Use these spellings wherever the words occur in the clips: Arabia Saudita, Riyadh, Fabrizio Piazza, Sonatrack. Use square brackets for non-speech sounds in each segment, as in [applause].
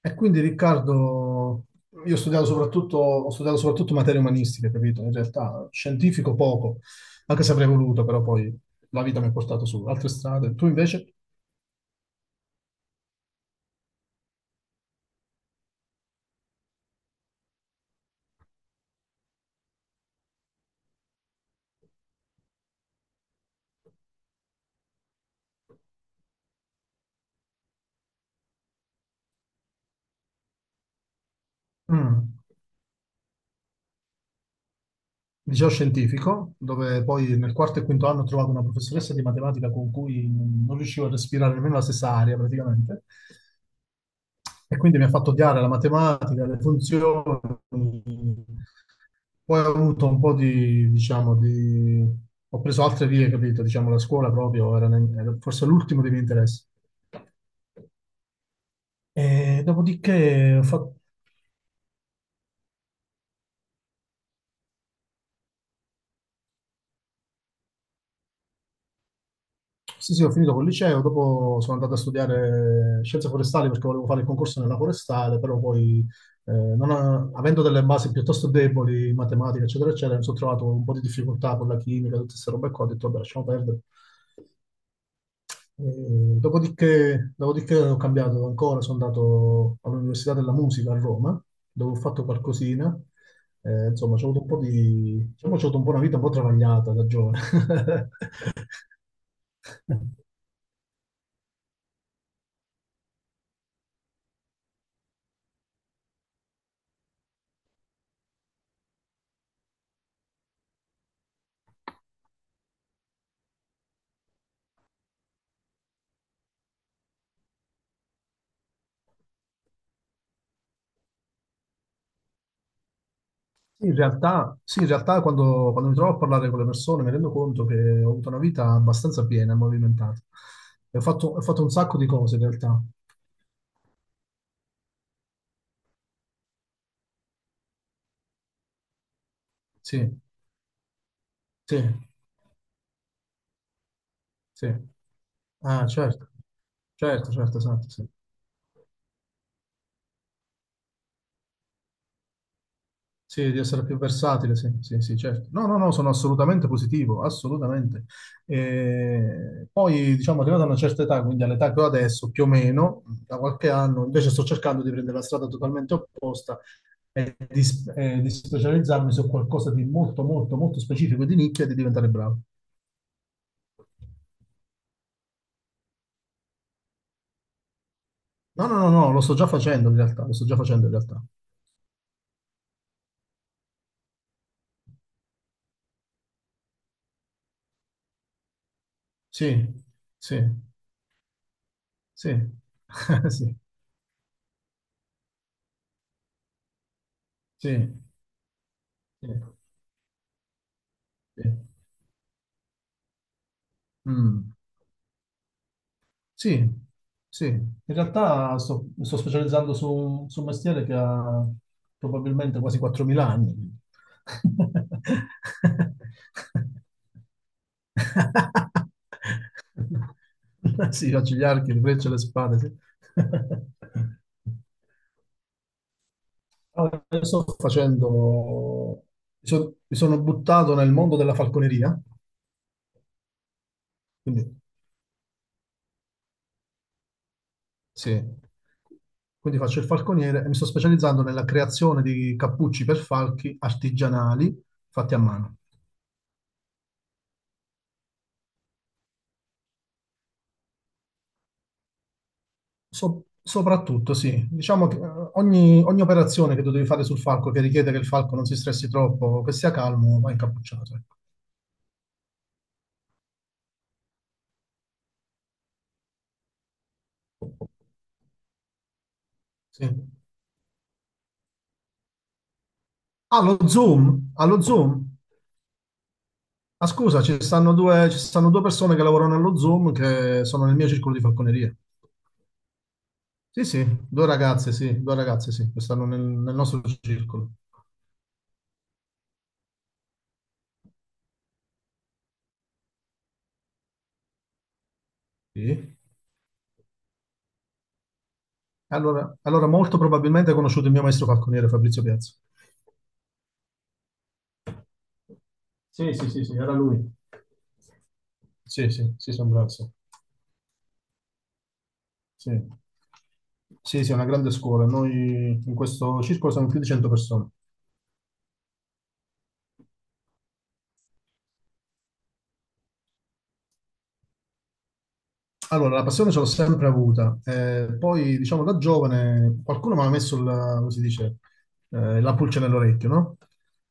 E quindi Riccardo, io ho studiato soprattutto, materie umanistiche, capito? In realtà scientifico poco, anche se avrei voluto, però poi la vita mi ha portato su altre strade. Tu invece, mm, liceo scientifico, dove poi nel quarto e quinto anno ho trovato una professoressa di matematica con cui non riuscivo a respirare nemmeno la stessa aria praticamente. E quindi mi ha fatto odiare la matematica, le funzioni. Poi ho avuto un po' di, diciamo, ho preso altre vie, capito? Diciamo, la scuola proprio era forse l'ultimo dei miei interessi. E dopodiché ho fatto... Sì, sì, ho finito col liceo, dopo sono andato a studiare scienze forestali perché volevo fare il concorso nella forestale, però poi, non a- avendo delle basi piuttosto deboli in matematica, eccetera, eccetera, mi sono trovato un po' di difficoltà con la chimica, tutte queste robe qua, ho detto, vabbè, lasciamo perdere. Dopodiché ho cambiato ancora, sono andato all'Università della Musica a Roma, dove ho fatto qualcosina. Insomma, ho avuto un po' di, diciamo, ho avuto un po' una vita un po' travagliata da giovane. [laughs] Sì, in realtà, sì, in realtà quando mi trovo a parlare con le persone mi rendo conto che ho avuto una vita abbastanza piena e movimentata. E ho fatto un sacco di cose in realtà. Sì, sì, sì. Ah, certo, certo, certo, esatto, sì. Sì, di essere più versatile, sì, sì, sì, certo. No, no, no, sono assolutamente positivo, assolutamente. E poi, diciamo, arrivato a una certa età, quindi all'età che ho adesso, più o meno, da qualche anno, invece sto cercando di prendere la strada totalmente opposta, e di specializzarmi su qualcosa di molto, molto, molto specifico e di nicchia e di diventare bravo. No, no, no, no, lo sto già facendo in realtà, Sì, sì, sì, [laughs] sì, sì, sì. Sì. Mm. Sì, sì, in realtà mi sto specializzando su un mestiere che ha probabilmente quasi 4.000 anni. [laughs] Sì, faccio gli archi, le frecce, le spade. Sì. Io Sto facendo, mi sono buttato nel mondo della falconeria, quindi sì. Quindi faccio il falconiere e mi sto specializzando nella creazione di cappucci per falchi artigianali fatti a mano. Soprattutto, sì, diciamo che ogni operazione che tu devi fare sul falco che richiede che il falco non si stressi troppo, che sia calmo, va incappucciato. Ecco. Sì. Allo Zoom, allo Zoom. Ah, scusa, ci stanno due persone che lavorano allo Zoom che sono nel mio circolo di falconeria. Sì, sì, due ragazze, sì, due ragazze, sì, che stanno nel nostro circolo. Sì. Allora molto probabilmente ha conosciuto il mio maestro falconiere Fabrizio Piazza. Sì, sì, sì, sì, era lui. Sì, sì, sì, sembra, sì. Sì, sì, sì, è una grande scuola. Noi in questo circolo siamo più di 100 persone. Allora, la passione ce l'ho sempre avuta. Poi, diciamo, da giovane qualcuno mi ha messo, la, come si dice, la pulce nell'orecchio, no?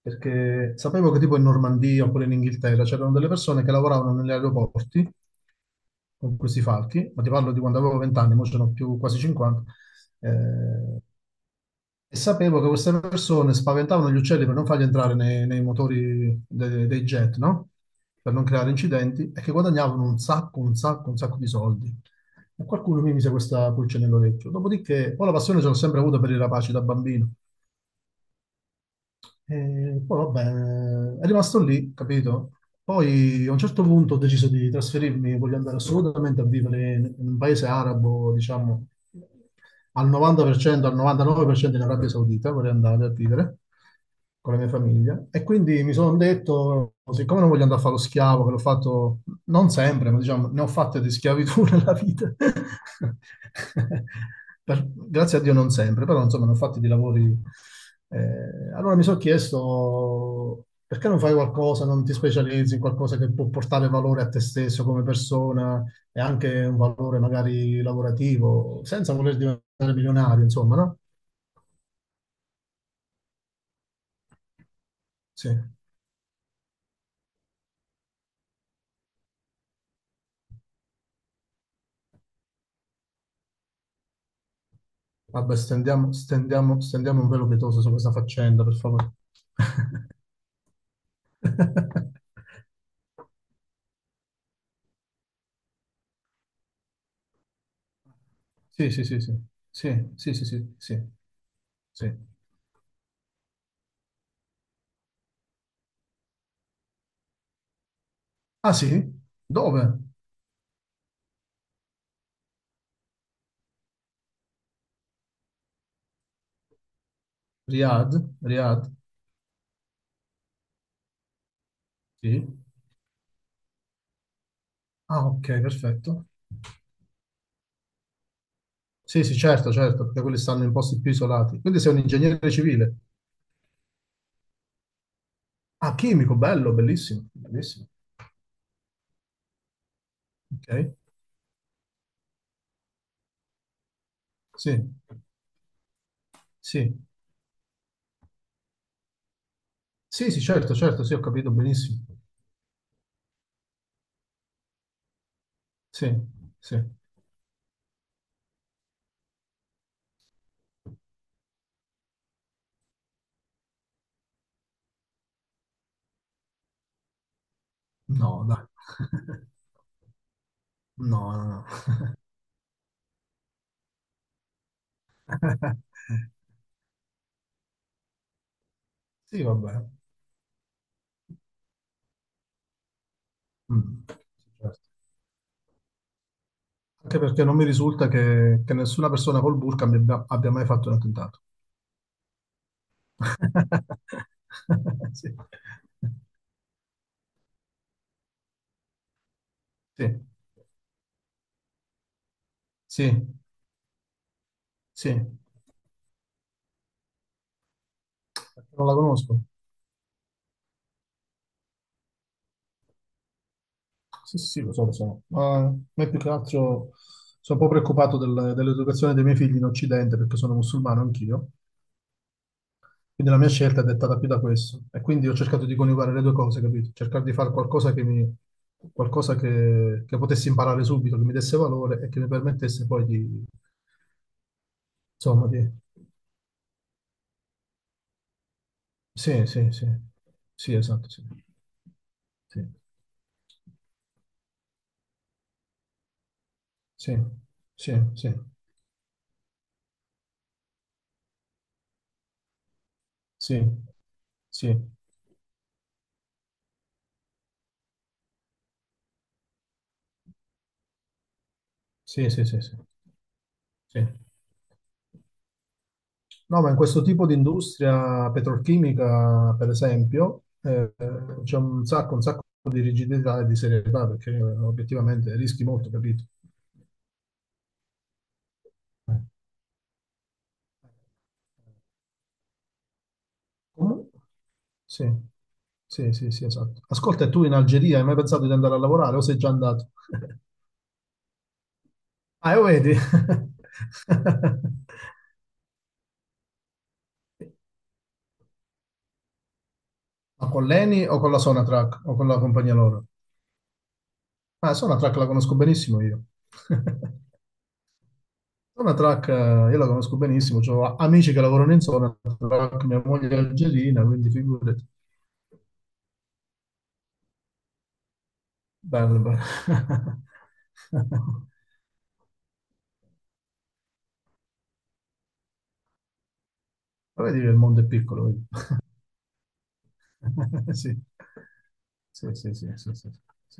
Perché sapevo che tipo in Normandia oppure in Inghilterra c'erano delle persone che lavoravano negli aeroporti con questi falchi, ma ti parlo di quando avevo 20 anni, ora sono più quasi 50, eh, e sapevo che queste persone spaventavano gli uccelli per non farli entrare nei motori dei jet, no? Per non creare incidenti, e che guadagnavano un sacco, un sacco, un sacco di soldi. E qualcuno mi mise questa pulce nell'orecchio. Dopodiché, poi la passione ce l'ho sempre avuta per i rapaci da bambino. E poi, vabbè, è rimasto lì, capito? Poi a un certo punto ho deciso di trasferirmi, voglio andare assolutamente a vivere in un paese arabo, diciamo, al 90%, al 99% in Arabia Saudita, vorrei andare a vivere con la mia famiglia. E quindi mi sono detto, siccome non voglio andare a fare lo schiavo, che l'ho fatto non sempre, ma diciamo, ne ho fatte di schiavitù nella vita. [laughs] Grazie a Dio non sempre, però insomma ne ho fatti di lavori. Eh, allora mi sono chiesto, perché non fai qualcosa, non ti specializzi in qualcosa che può portare valore a te stesso come persona? E anche un valore magari lavorativo, senza voler diventare milionario, insomma, no? Sì. Vabbè, stendiamo un velo pietoso su questa faccenda, per favore. [laughs] Sì, sì, sì, sì. Sì, sì, sì, sì, sì, sì. Ah, sì? Dove? Riyadh? Riyadh? Sì. Ah, ok, perfetto. Sì, sì, certo, certo, perché quelli stanno in posti più isolati. Quindi sei un ingegnere civile. Ah, chimico, bello, bellissimo, bellissimo. Ok, sì, sì. Sì, sì, certo, certo, sì, ho capito benissimo. Sì, sì. No, dai. No, no, no. [laughs] Sì, vabbè. Mm. Sì, certo. Anche perché non mi risulta che nessuna persona col burka abbia mai fatto un attentato. [laughs] Sì, sì, sì, sì. Perché non la conosco. Sì, sì, sì, lo so, lo so. Ma a me più che altro sono un po' preoccupato dell'educazione dei miei figli in Occidente perché sono musulmano anch'io. Quindi la mia scelta è dettata più da questo. E quindi ho cercato di coniugare le due cose, capito? Cercare di fare qualcosa qualcosa che potessi imparare subito, che mi desse valore e che mi permettesse poi di, insomma, di... Sì, sì, sì. Sì, esatto, sì. Sì, sì, sì, sì, sì, sì, sì, sì, sì, sì. Sì. No, ma in questo tipo di industria petrolchimica, per esempio, c'è un sacco di rigidità e di serietà perché obiettivamente rischi molto, capito? Comu- Sì, sì, sì, sì, esatto. Ascolta, e tu in Algeria hai mai pensato di andare a lavorare o sei già andato? [laughs] Ah, lo vedi? [laughs] Ma con l'ENI o con la Sonatrack o con la compagnia loro? Ah, Sonatrack la conosco benissimo io. [laughs] Zona Track, io la conosco benissimo, ho amici che lavorano in zona Track, mia moglie è algerina, quindi figurati. Bello, bello. [laughs] Ma vedi che il mondo è piccolo. Vedi? [laughs] Sì, sì, sì, sì, sì, sì, sì.